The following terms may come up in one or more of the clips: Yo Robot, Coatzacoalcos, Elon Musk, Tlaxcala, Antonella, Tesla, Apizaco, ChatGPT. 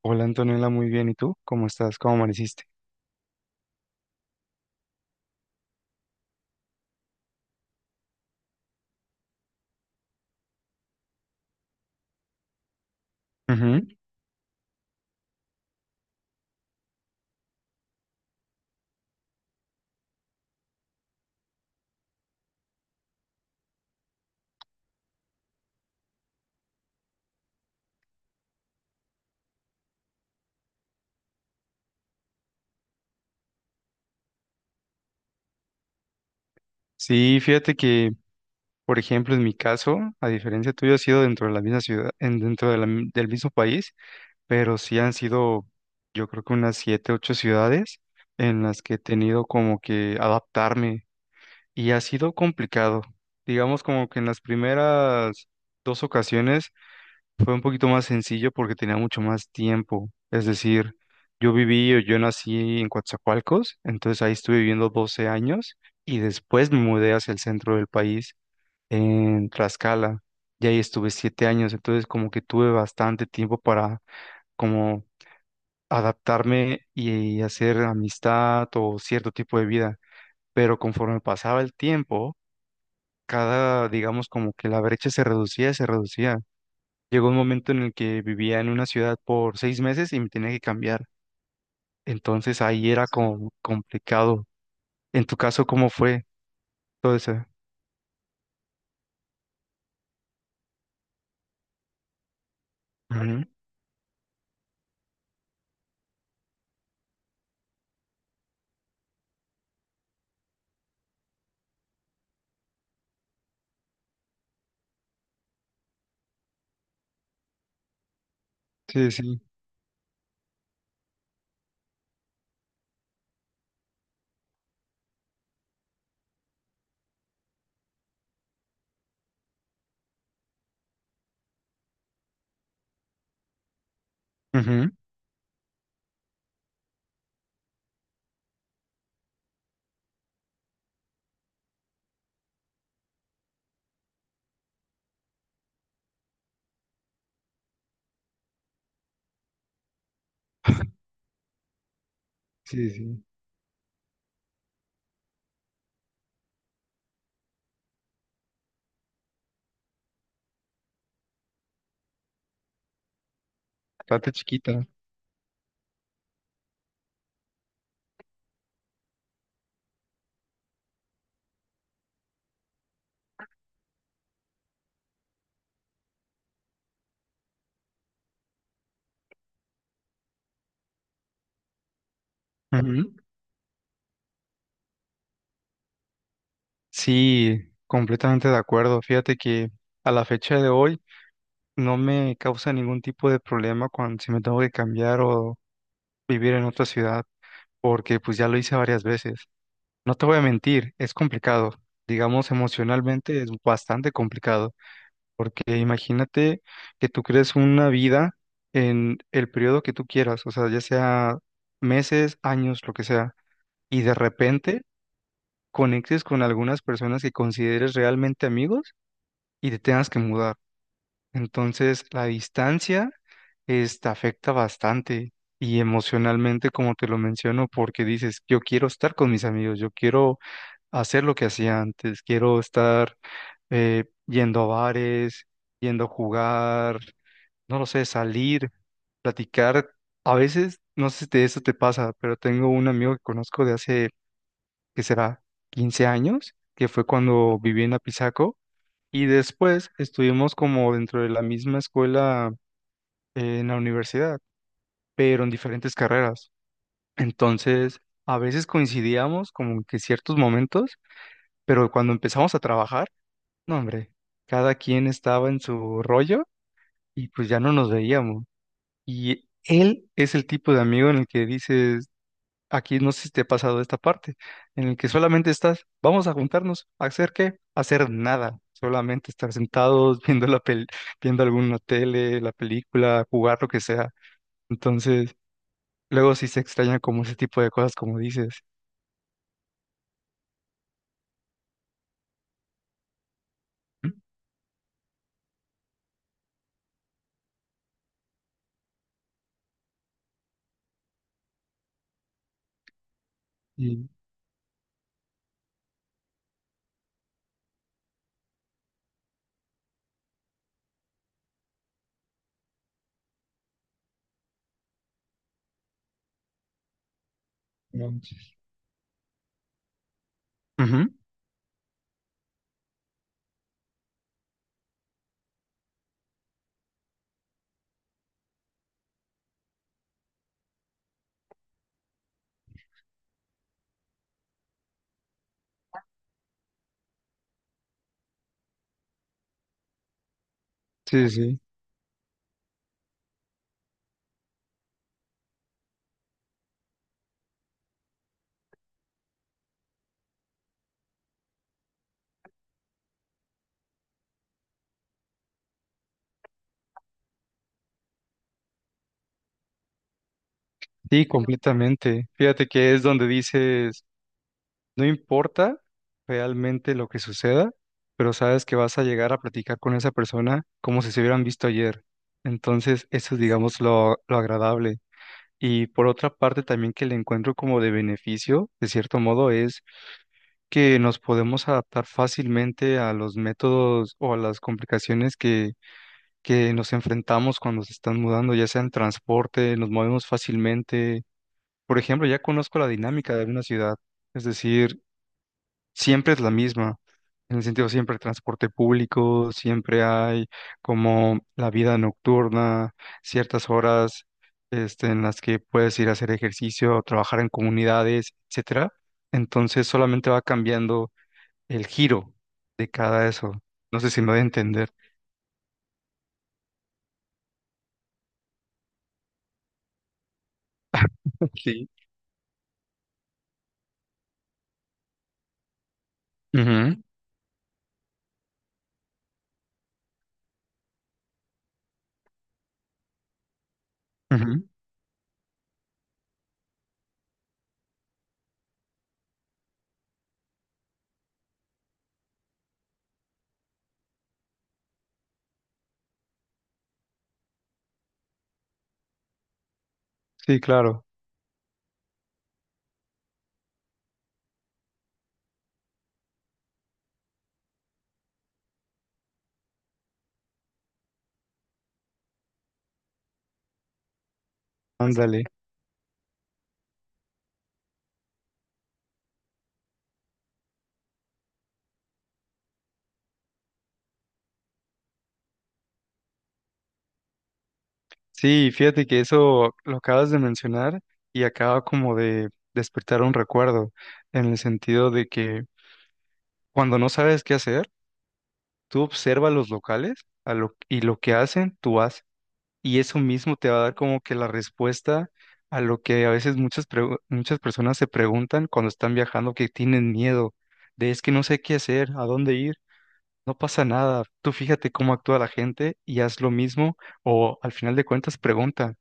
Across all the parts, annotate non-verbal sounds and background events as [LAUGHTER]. Hola Antonella, muy bien. ¿Y tú? ¿Cómo estás? ¿Cómo amaneciste? Ujú. Sí, fíjate que, por ejemplo, en mi caso, a diferencia tuyo, ha sido dentro de la misma ciudad, dentro de la del mismo país, pero sí han sido, yo creo que unas siete, ocho ciudades en las que he tenido como que adaptarme y ha sido complicado. Digamos como que en las primeras dos ocasiones fue un poquito más sencillo porque tenía mucho más tiempo. Es decir, yo viví o yo nací en Coatzacoalcos, entonces ahí estuve viviendo 12 años y después me mudé hacia el centro del país, en Tlaxcala, y ahí estuve 7 años, entonces como que tuve bastante tiempo para como adaptarme y hacer amistad o cierto tipo de vida. Pero conforme pasaba el tiempo, cada, digamos, como que la brecha se reducía, se reducía. Llegó un momento en el que vivía en una ciudad por 6 meses y me tenía que cambiar. Entonces ahí era como complicado. En tu caso, ¿cómo fue todo eso? Ujú. Sí, sí. Ujú. Sí, sí. Bastante chiquita. Ujú. Sí, completamente de acuerdo. Fíjate que a la fecha de hoy no me causa ningún tipo de problema cuando si me tengo que cambiar o vivir en otra ciudad, porque pues ya lo hice varias veces. No te voy a mentir, es complicado. Digamos, emocionalmente es bastante complicado. Porque imagínate que tú crees una vida en el periodo que tú quieras, o sea, ya sea meses, años, lo que sea, y de repente conectes con algunas personas que consideres realmente amigos y te tengas que mudar. Entonces, la distancia te afecta bastante y emocionalmente, como te lo menciono, porque dices, yo quiero estar con mis amigos, yo quiero hacer lo que hacía antes, quiero estar yendo a bares, yendo a jugar, no lo sé, salir, platicar. A veces, no sé si eso te pasa, pero tengo un amigo que conozco de hace, ¿que será?, 15 años, que fue cuando viví en Apizaco, y después estuvimos como dentro de la misma escuela, en la universidad, pero en diferentes carreras. Entonces, a veces coincidíamos como que ciertos momentos, pero cuando empezamos a trabajar, no, hombre, cada quien estaba en su rollo y pues ya no nos veíamos. Y él es el tipo de amigo en el que dices, aquí no sé si te ha pasado esta parte, en el que solamente estás, vamos a juntarnos, ¿a hacer qué? A hacer nada, solamente estar sentados [LAUGHS] viendo alguna tele, la película, jugar lo que sea. Entonces, luego sí se extraña como ese tipo de cosas, como dices. Y, No, sí. Ujú, sí, sí, sí, completamente. Fíjate que es donde dices. No importa realmente lo que suceda, pero sabes que vas a llegar a platicar con esa persona como si se hubieran visto ayer. Entonces, eso es, digamos, lo agradable. Y por otra parte, también que le encuentro como de beneficio, de cierto modo, es que nos podemos adaptar fácilmente a los métodos o a las complicaciones que nos enfrentamos cuando se están mudando, ya sea en transporte, nos movemos fácilmente. Por ejemplo, ya conozco la dinámica de una ciudad. Es decir, siempre es la misma, en el sentido siempre hay transporte público, siempre hay como la vida nocturna, ciertas horas en las que puedes ir a hacer ejercicio, o trabajar en comunidades, etcétera. Entonces solamente va cambiando el giro de cada eso. No sé si me voy a entender. [LAUGHS] Sí. Ujú, ujú. Sí, claro, ándale. Sí, fíjate que eso lo acabas de mencionar y acaba como de despertar un recuerdo, en el sentido de que, cuando no sabes qué hacer, tú observa a los locales a lo, y lo que hacen, tú haces. Y eso mismo te va a dar como que la respuesta a lo que a veces muchas personas se preguntan cuando están viajando, que tienen miedo de es que no sé qué hacer, a dónde ir, no pasa nada. Tú fíjate cómo actúa la gente y haz lo mismo o al final de cuentas pregunta.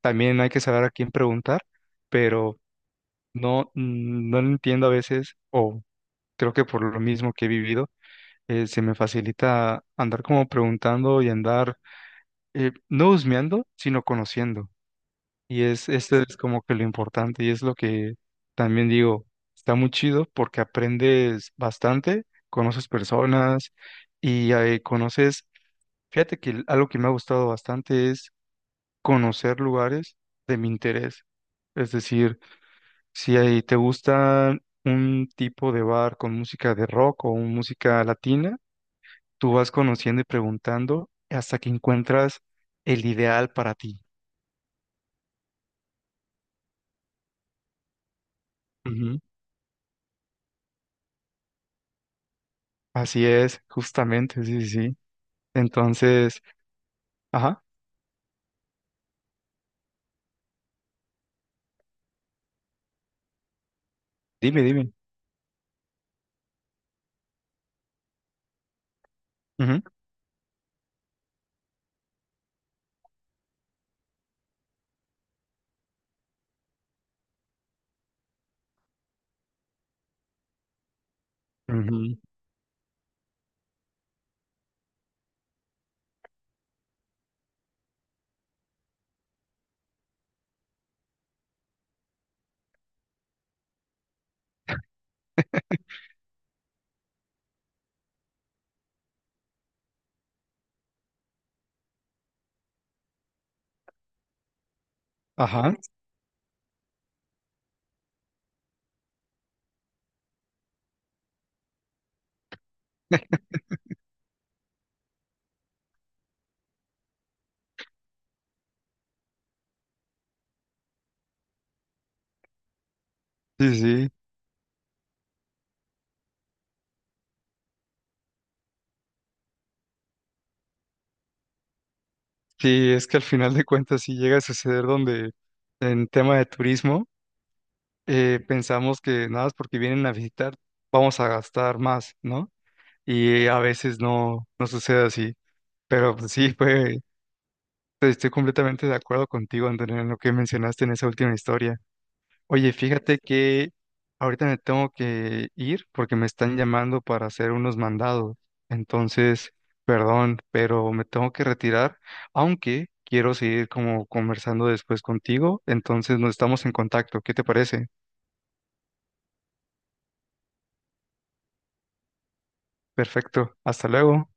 También hay que saber a quién preguntar, pero no, no entiendo a veces o creo que por lo mismo que he vivido, se me facilita andar como preguntando y andar, no husmeando, sino conociendo. Y es, esto es como que lo importante y es lo que también digo, está muy chido porque aprendes bastante, conoces personas y conoces, fíjate que algo que me ha gustado bastante es conocer lugares de mi interés. Es decir, si ahí te gusta un tipo de bar con música de rock o música latina, tú vas conociendo y preguntando hasta que encuentras el ideal para ti. Ujú. Así es, justamente, sí, sí, sí. Entonces, ajá, dime, dime. Ujú, ujú. Ajá, [LAUGHS] sí, sí. Sí, es que al final de cuentas sí llega a suceder donde en tema de turismo, pensamos que nada más porque vienen a visitar vamos a gastar más, ¿no? Y a veces no, no sucede así. Pero pues, sí, fue pues, estoy completamente de acuerdo contigo, Antonio, en lo que mencionaste en esa última historia. Oye, fíjate que ahorita me tengo que ir porque me están llamando para hacer unos mandados. Entonces, perdón, pero me tengo que retirar, aunque quiero seguir como conversando después contigo. Entonces, nos estamos en contacto. ¿Qué te parece? Perfecto. Hasta luego.